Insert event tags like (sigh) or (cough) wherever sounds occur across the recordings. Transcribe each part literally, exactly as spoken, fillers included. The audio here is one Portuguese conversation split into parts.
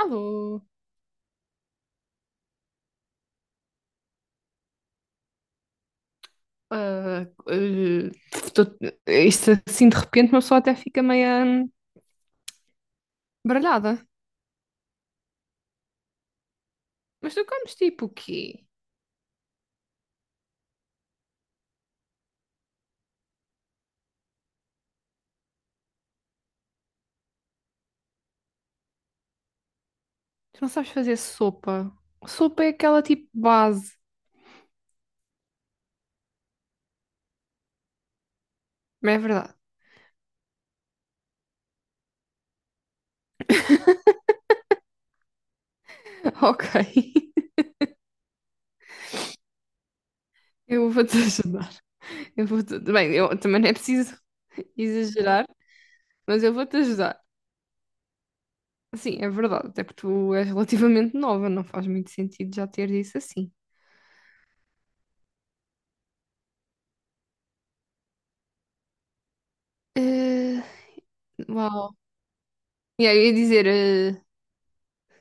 Alô? Ah, eh, Isto assim de repente uma pessoa até fica meio hum, baralhada. Mas tu comes tipo o quê? Tu não sabes fazer sopa. Sopa é aquela tipo base. Mas é verdade. (laughs) Ok. Eu vou-te ajudar. Eu vou-te... Bem, eu também não é preciso exagerar, mas eu vou-te ajudar. Sim, é verdade. Até porque tu és relativamente nova, não faz muito sentido já ter isso assim. Eh, uau. E aí eu ia dizer. eh,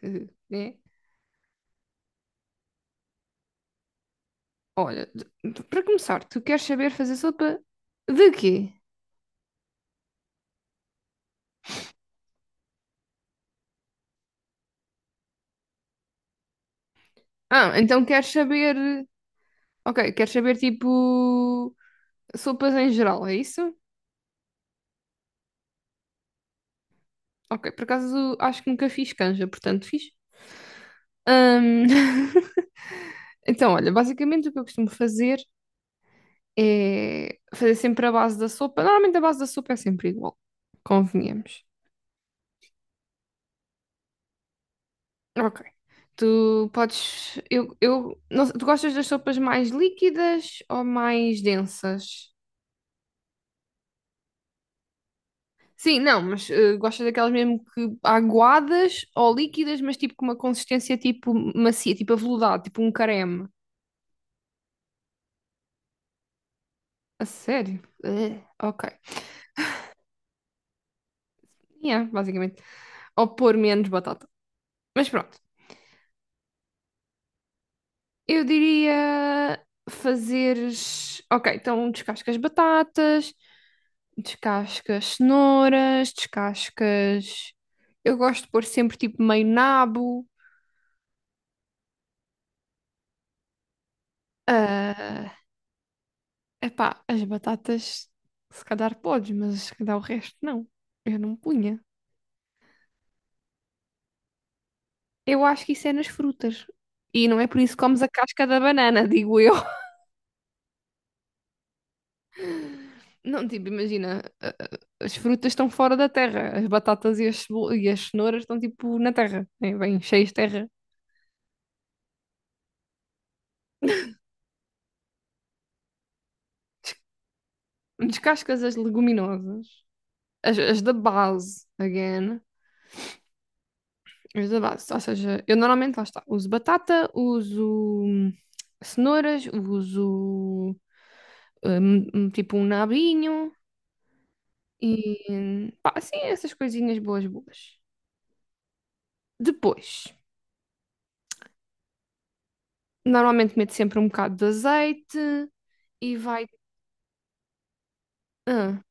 eh, Né? Olha, d- d- para começar, tu queres saber fazer sopa de quê? Ah, então queres saber. Ok, queres saber tipo. Sopas em geral, é isso? Ok, por acaso acho que nunca fiz canja, portanto fiz. Ahm, (laughs) Então, olha, basicamente o que eu costumo fazer é fazer sempre a base da sopa. Normalmente a base da sopa é sempre igual, convenhamos. Ok. Tu podes. Eu, eu, não sei, tu gostas das sopas mais líquidas ou mais densas? Sim, não, mas eh, gostas daquelas mesmo que aguadas ou líquidas, mas tipo com uma consistência tipo macia, tipo aveludado, tipo um creme. A sério? Eh, ok. Yeah, basicamente. Ou pôr menos batata. Mas pronto, eu diria fazeres. Ok, então descascas batatas, descascas cenouras, descascas. Eu gosto de pôr sempre tipo meio nabo. ah, Epá, as batatas se calhar podes, mas se calhar o resto não. Eu não punha. Eu acho que isso é nas frutas. E não é por isso que comes a casca da banana, digo eu. (laughs) Não, tipo, imagina, a- a- as frutas estão fora da terra, as batatas e as, cebo- e as cenouras estão tipo na terra, né? Bem cheias de terra. Descascas as leguminosas, as, as da base, again. Os da base. Ou seja, eu normalmente, lá está, uso batata, uso hum, cenouras, uso hum, hum, tipo um nabinho e pá, assim, essas coisinhas boas, boas. Depois, normalmente meto sempre um bocado de azeite e vai. Ah,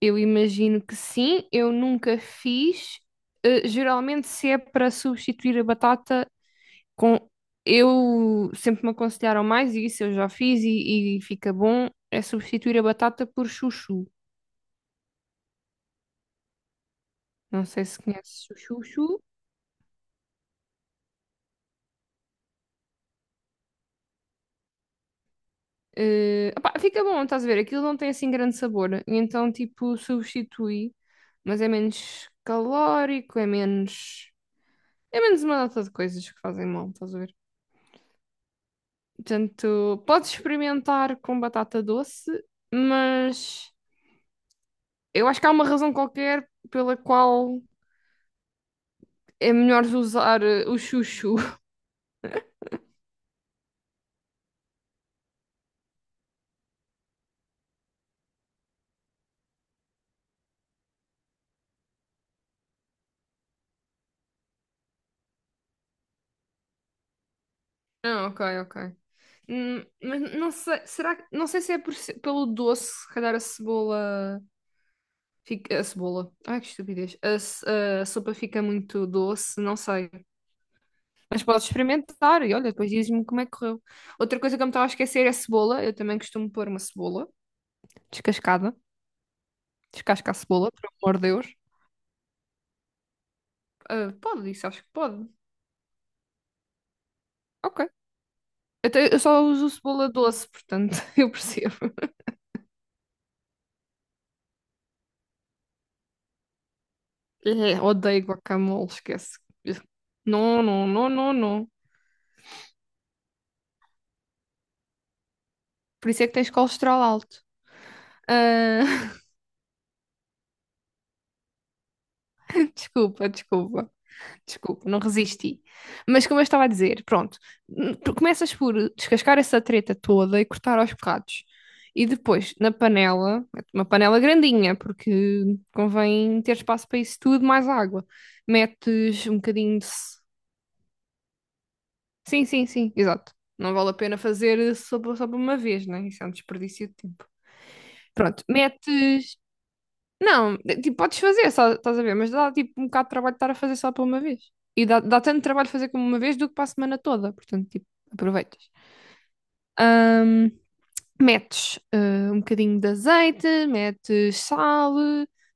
eu imagino que sim, eu nunca fiz. Eh, geralmente, se é para substituir a batata, com, eu sempre me aconselharam mais e isso, eu já fiz e, e fica bom, é substituir a batata por chuchu. Não sei se conheces o chuchu. Eh, opá, fica bom, estás a ver? Aquilo não tem assim grande sabor. E então, tipo, substitui, mas é menos calórico, é menos. É menos uma data de coisas que fazem mal, estás a ver? Portanto, podes experimentar com batata doce, mas eu acho que há uma razão qualquer pela qual é melhor usar eh, o chuchu. (laughs) Ah, ok, ok. Hum, mas não sei, será que, não sei se é por se- pelo doce, se calhar a cebola fica, a cebola, ai que estupidez, a, ce- a sopa fica muito doce, não sei. Mas podes experimentar e olha, depois diz-me como é que correu. Outra coisa que eu me estava a esquecer é a cebola, eu também costumo pôr uma cebola descascada, descasca a cebola, pelo amor de Deus. Ah, pode, isso acho que pode. Ok. Eu, te- eu só uso cebola doce, portanto, (laughs) eu percebo. Eh, Odeio guacamole, esquece. Não, não, não, não, não. Por isso é que tens colesterol alto. Ah, (laughs) desculpa, desculpa, desculpa, não resisti. Mas como eu estava a dizer, pronto, tu começas por descascar essa treta toda e cortar aos bocados. E depois, na panela, uma panela grandinha, porque convém ter espaço para isso tudo, mais água. Metes um bocadinho de. s- Sim, sim, sim, exato. Não vale a pena fazer só, só por uma vez, né? Isso é um desperdício de tempo. Pronto, metes. Não, tipo, podes fazer, só, estás a ver, mas dá tipo um bocado de trabalho de estar a fazer só para uma vez. E dá, dá tanto trabalho fazer como uma vez do que para a semana toda, portanto, tipo, aproveitas. Ahm, Metes ah, um bocadinho de azeite, metes sal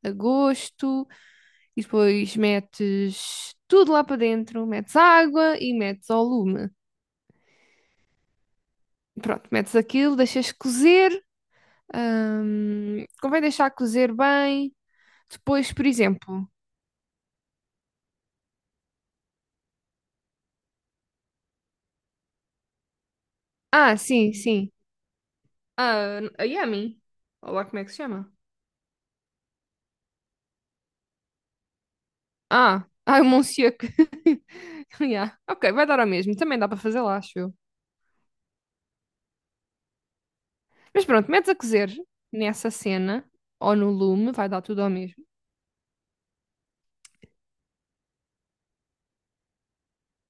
a gosto, e depois metes tudo lá para dentro, metes água e metes ao lume. Pronto, metes aquilo, deixas cozer, ahm, convém deixar cozer bem. Depois, por exemplo. Ah, sim, sim. Ah, a Yami. Olha lá como é que se chama. Ah, ah, o Monsieur. (laughs) que- Yeah. Ok, vai dar ao mesmo. Também dá para fazer lá, acho eu. Mas pronto, metes a cozer nessa cena ou no lume, vai dar tudo ao mesmo.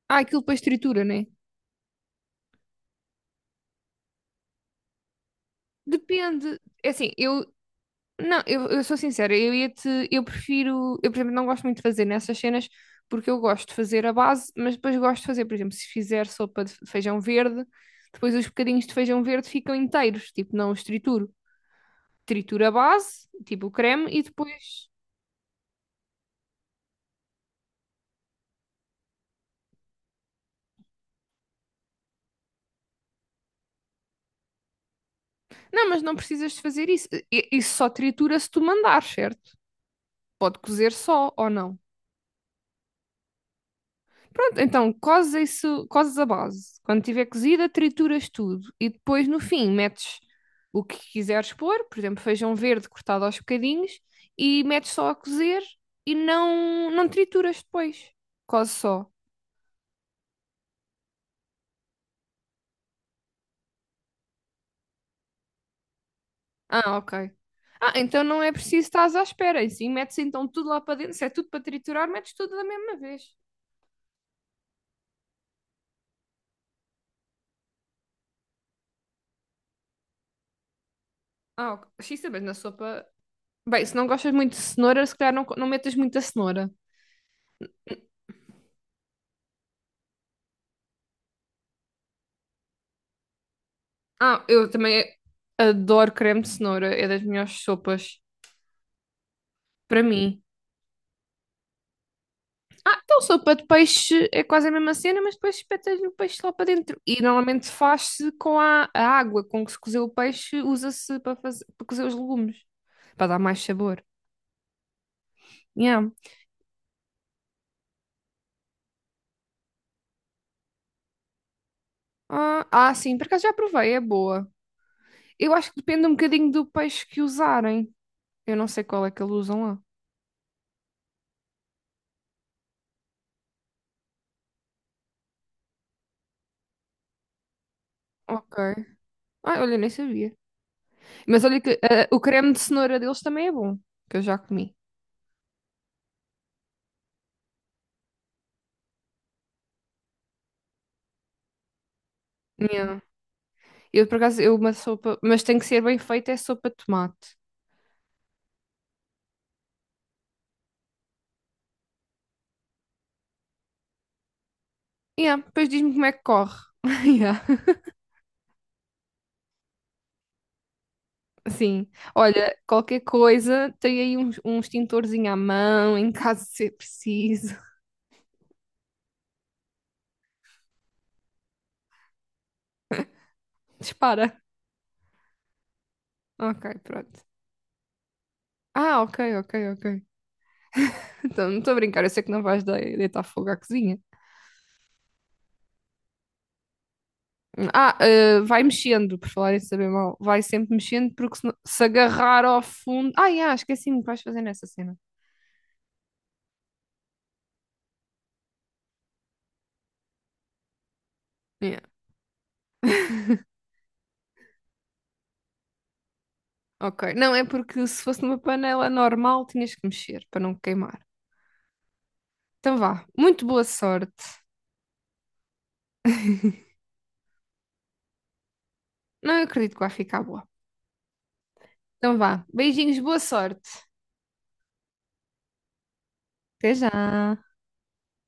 Ah, aquilo depois tritura, né? Depende. É assim, eu. Não, eu, eu sou sincera, eu ia-te. Eu prefiro. Eu, por exemplo, não gosto muito de fazer nessas cenas porque eu gosto de fazer a base, mas depois gosto de fazer, por exemplo, se fizer sopa de feijão verde, depois os bocadinhos de feijão verde ficam inteiros, tipo, não os trituro. Tritura a base, tipo o creme, e depois. Não, mas não precisas de fazer isso. I- Isso só tritura se tu mandar, certo? Pode cozer só ou não. Pronto, então cozes isso, cozes a base. Quando tiver cozida, trituras tudo e depois no fim metes o que quiseres pôr, por exemplo, feijão verde cortado aos bocadinhos e metes só a cozer e não não trituras depois. Cozes só. Ah, ok. Ah, então não é preciso estás à espera. E sim, metes então tudo lá para dentro. Se é tudo para triturar, metes tudo da mesma vez. Ah, ok. Sim, também na sopa. Bem, se não gostas muito de cenoura, se calhar não, co- não metas muita cenoura. Ah, eu também adoro creme de cenoura. É das melhores sopas para mim. Então, sopa de peixe é quase a mesma cena, mas depois espetas o peixe lá para dentro. E normalmente faz-se com a, a água com que se cozeu o peixe, usa-se para fazer, para cozer os legumes, para dar mais sabor. Yeah. Ah, ah, sim, por acaso já provei, é boa. Eu acho que depende um bocadinho do peixe que usarem. Eu não sei qual é que eles usam lá. Ok. Ah, olha, nem sabia. Mas olha que ah, o creme de cenoura deles também é bom, que eu já comi. Yeah. Eu por acaso, eu uma sopa, mas tem que ser bem feita, é sopa de tomate. Yeah, depois diz-me como é que corre. (laughs) Yeah. Sim. Olha, qualquer coisa, tem aí um, um extintorzinho à mão, em caso de ser preciso. (laughs) Dispara. Ok, pronto. Ah, ok, ok, ok. Então, não estou a brincar, eu sei que não vais dei- deitar fogo à cozinha. Ah, ah, vai mexendo, por falar em saber mal. Vai sempre mexendo, porque se, não- se agarrar ao fundo. Ah, yeah, esqueci-me que vais fazer nessa cena. Yeah, ok. Não, é porque se fosse numa panela normal, tinhas que mexer para não queimar. Então vá, muito boa sorte. Não acredito que vai ficar boa. Então vá, beijinhos, boa sorte. Até já.